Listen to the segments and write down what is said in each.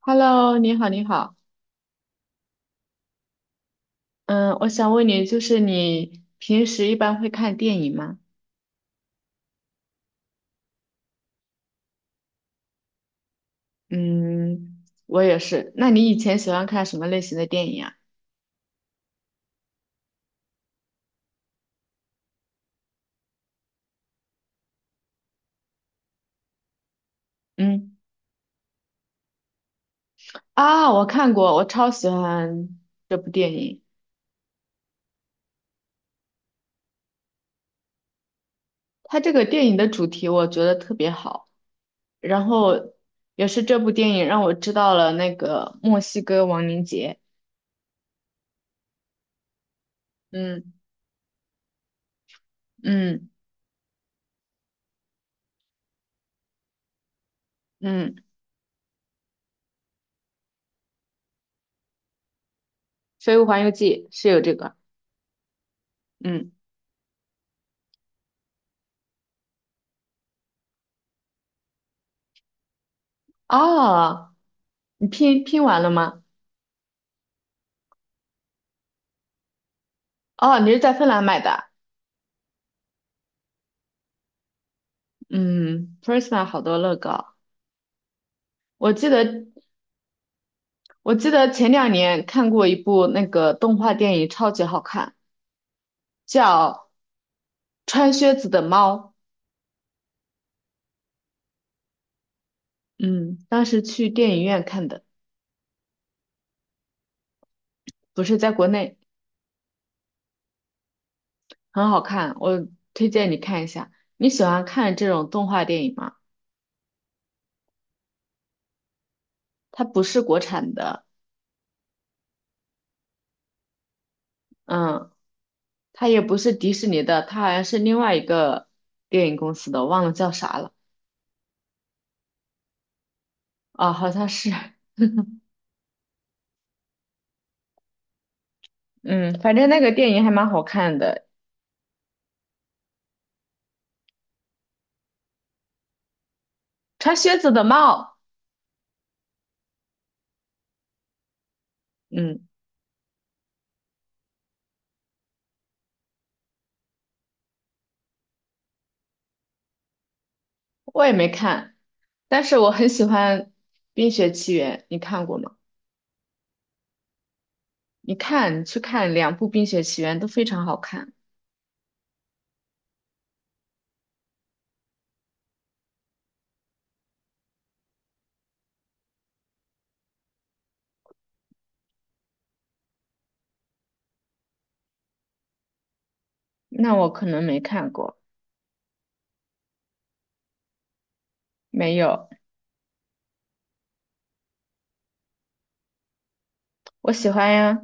Hello，你好，你好，嗯，我想问你，就是你平时一般会看电影吗？嗯，我也是。那你以前喜欢看什么类型的电影啊？嗯，啊，我看过，我超喜欢这部电影。它这个电影的主题我觉得特别好，然后也是这部电影让我知道了那个墨西哥亡灵节。嗯嗯嗯，《飞屋环游记》是有这个。嗯，哦，你拼完了吗？哦，你是在芬兰买的？嗯，Prisma 好多乐高。我记得，我记得前两年看过一部那个动画电影，超级好看，叫《穿靴子的猫》。嗯，当时去电影院看的，不是在国内，很好看。我推荐你看一下。你喜欢看这种动画电影吗？它不是国产的，嗯，它也不是迪士尼的，它好像是另外一个电影公司的，忘了叫啥了。啊，好像是。嗯，反正那个电影还蛮好看的，《穿靴子的猫》。嗯，我也没看，但是我很喜欢《冰雪奇缘》，你看过吗？你看，你去看两部《冰雪奇缘》都非常好看。那我可能没看过，没有，我喜欢呀。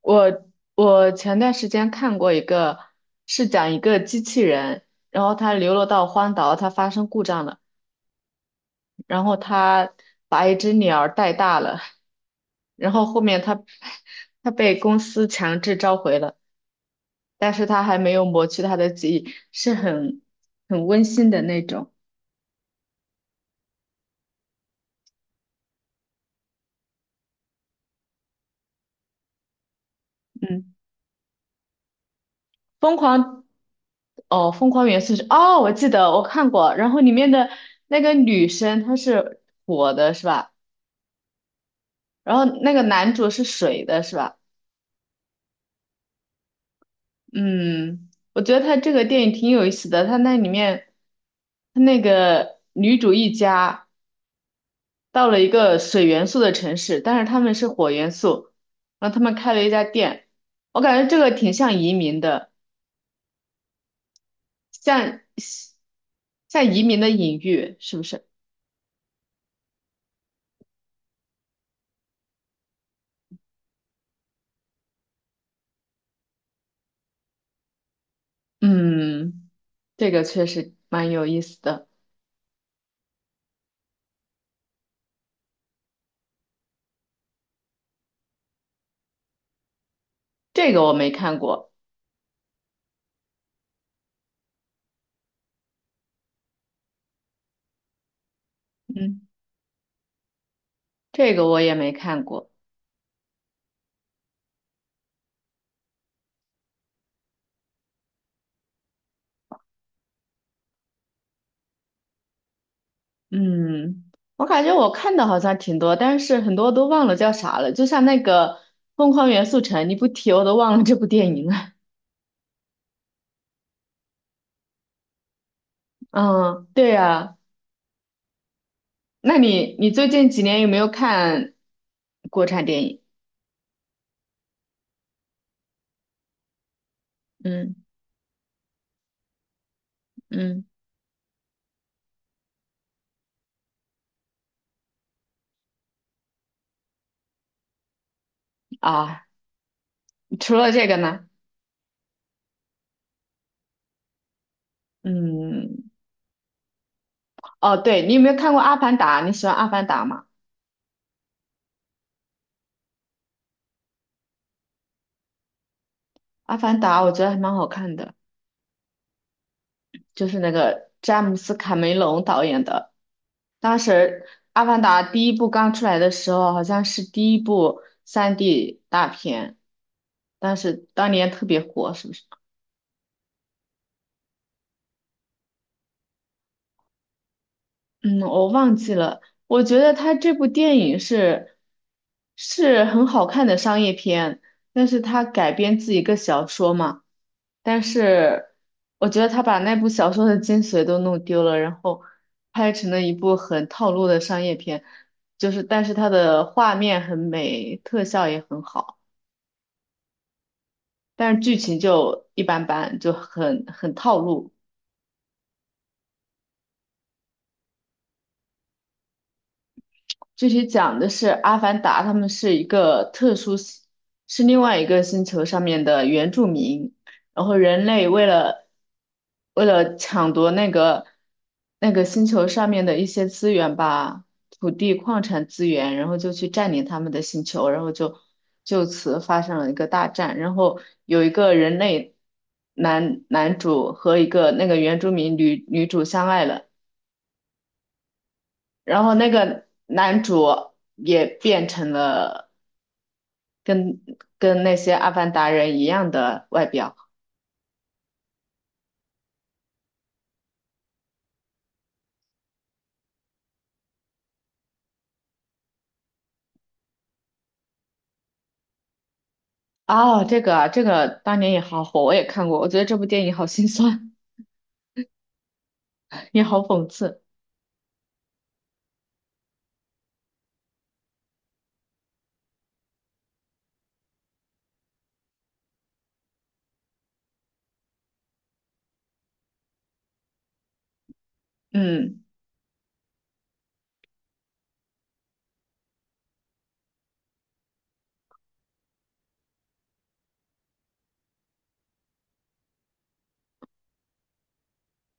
我我前段时间看过一个，是讲一个机器人，然后它流落到荒岛，它发生故障了。然后他把一只鸟儿带大了，然后后面他 他被公司强制召回了，但是他还没有抹去他的记忆，是很温馨的那种。嗯，疯狂哦，疯狂元素是哦，我记得我看过，然后里面的那个女生她是火的是吧？然后那个男主是水的是吧？嗯，我觉得他这个电影挺有意思的，他那里面他那个女主一家。到了一个水元素的城市，但是他们是火元素，然后他们开了一家店，我感觉这个挺像移民的，像移民的隐喻，是不是？嗯，这个确实蛮有意思的，这个我没看过，嗯，这个我也没看过，嗯，我感觉我看的好像挺多，但是很多都忘了叫啥了，就像那个《疯狂元素城》，你不提我都忘了这部电影了。嗯，对呀、那你最近几年有没有看国产电影？嗯嗯，啊，除了这个呢？嗯，哦，对，你有没有看过《阿凡达》？你喜欢《阿凡达》吗？《阿凡达》我觉得还蛮好看的，就是那个詹姆斯·卡梅隆导演的。当时《阿凡达》第一部刚出来的时候，好像是第一部3D 大片，当年特别火，是不是？嗯，我忘记了。我觉得他这部电影是很好看的商业片，但是他改编自一个小说嘛，但是我觉得他把那部小说的精髓都弄丢了，然后拍成了一部很套路的商业片，但是它的画面很美，特效也很好，但是剧情就一般般，就很套路。具体讲的是阿凡达，他们是一个特殊系，是另外一个星球上面的原住民，然后人类为了抢夺那个星球上面的一些资源吧，土地、矿产资源，然后就去占领他们的星球，然后就此发生了一个大战，然后有一个人类男主和一个那个原住民女主相爱了。然后那个男主也变成了跟跟那些阿凡达人一样的外表。哦，这个当年也好火，我也看过。我觉得这部电影好心酸，也好讽刺。嗯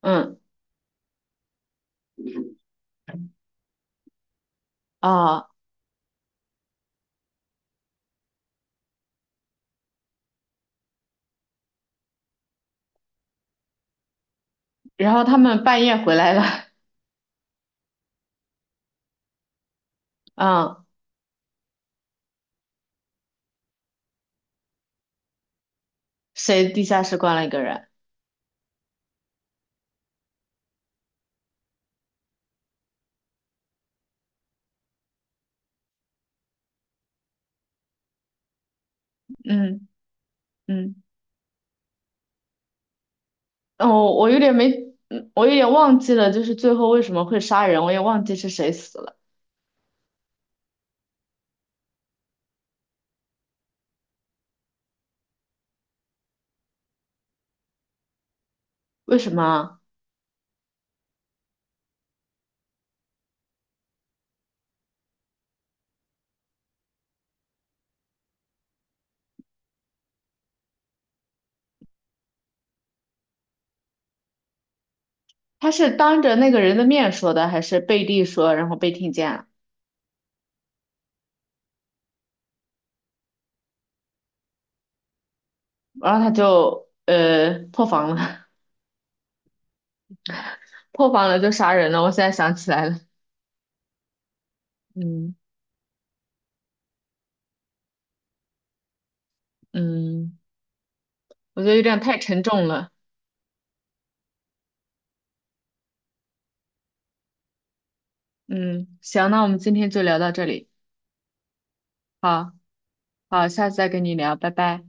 嗯啊，然后他们半夜回来了，嗯，谁地下室关了一个人？嗯嗯，哦，我有点没，嗯我有点忘记了，就是最后为什么会杀人，我也忘记是谁死了，为什么啊他是当着那个人的面说的，还是背地说，然后被听见了，然后他就破防了，破防了就杀人了。我现在想起来了，嗯嗯，我觉得有点太沉重了。嗯，行，那我们今天就聊到这里，好好，下次再跟你聊，拜拜。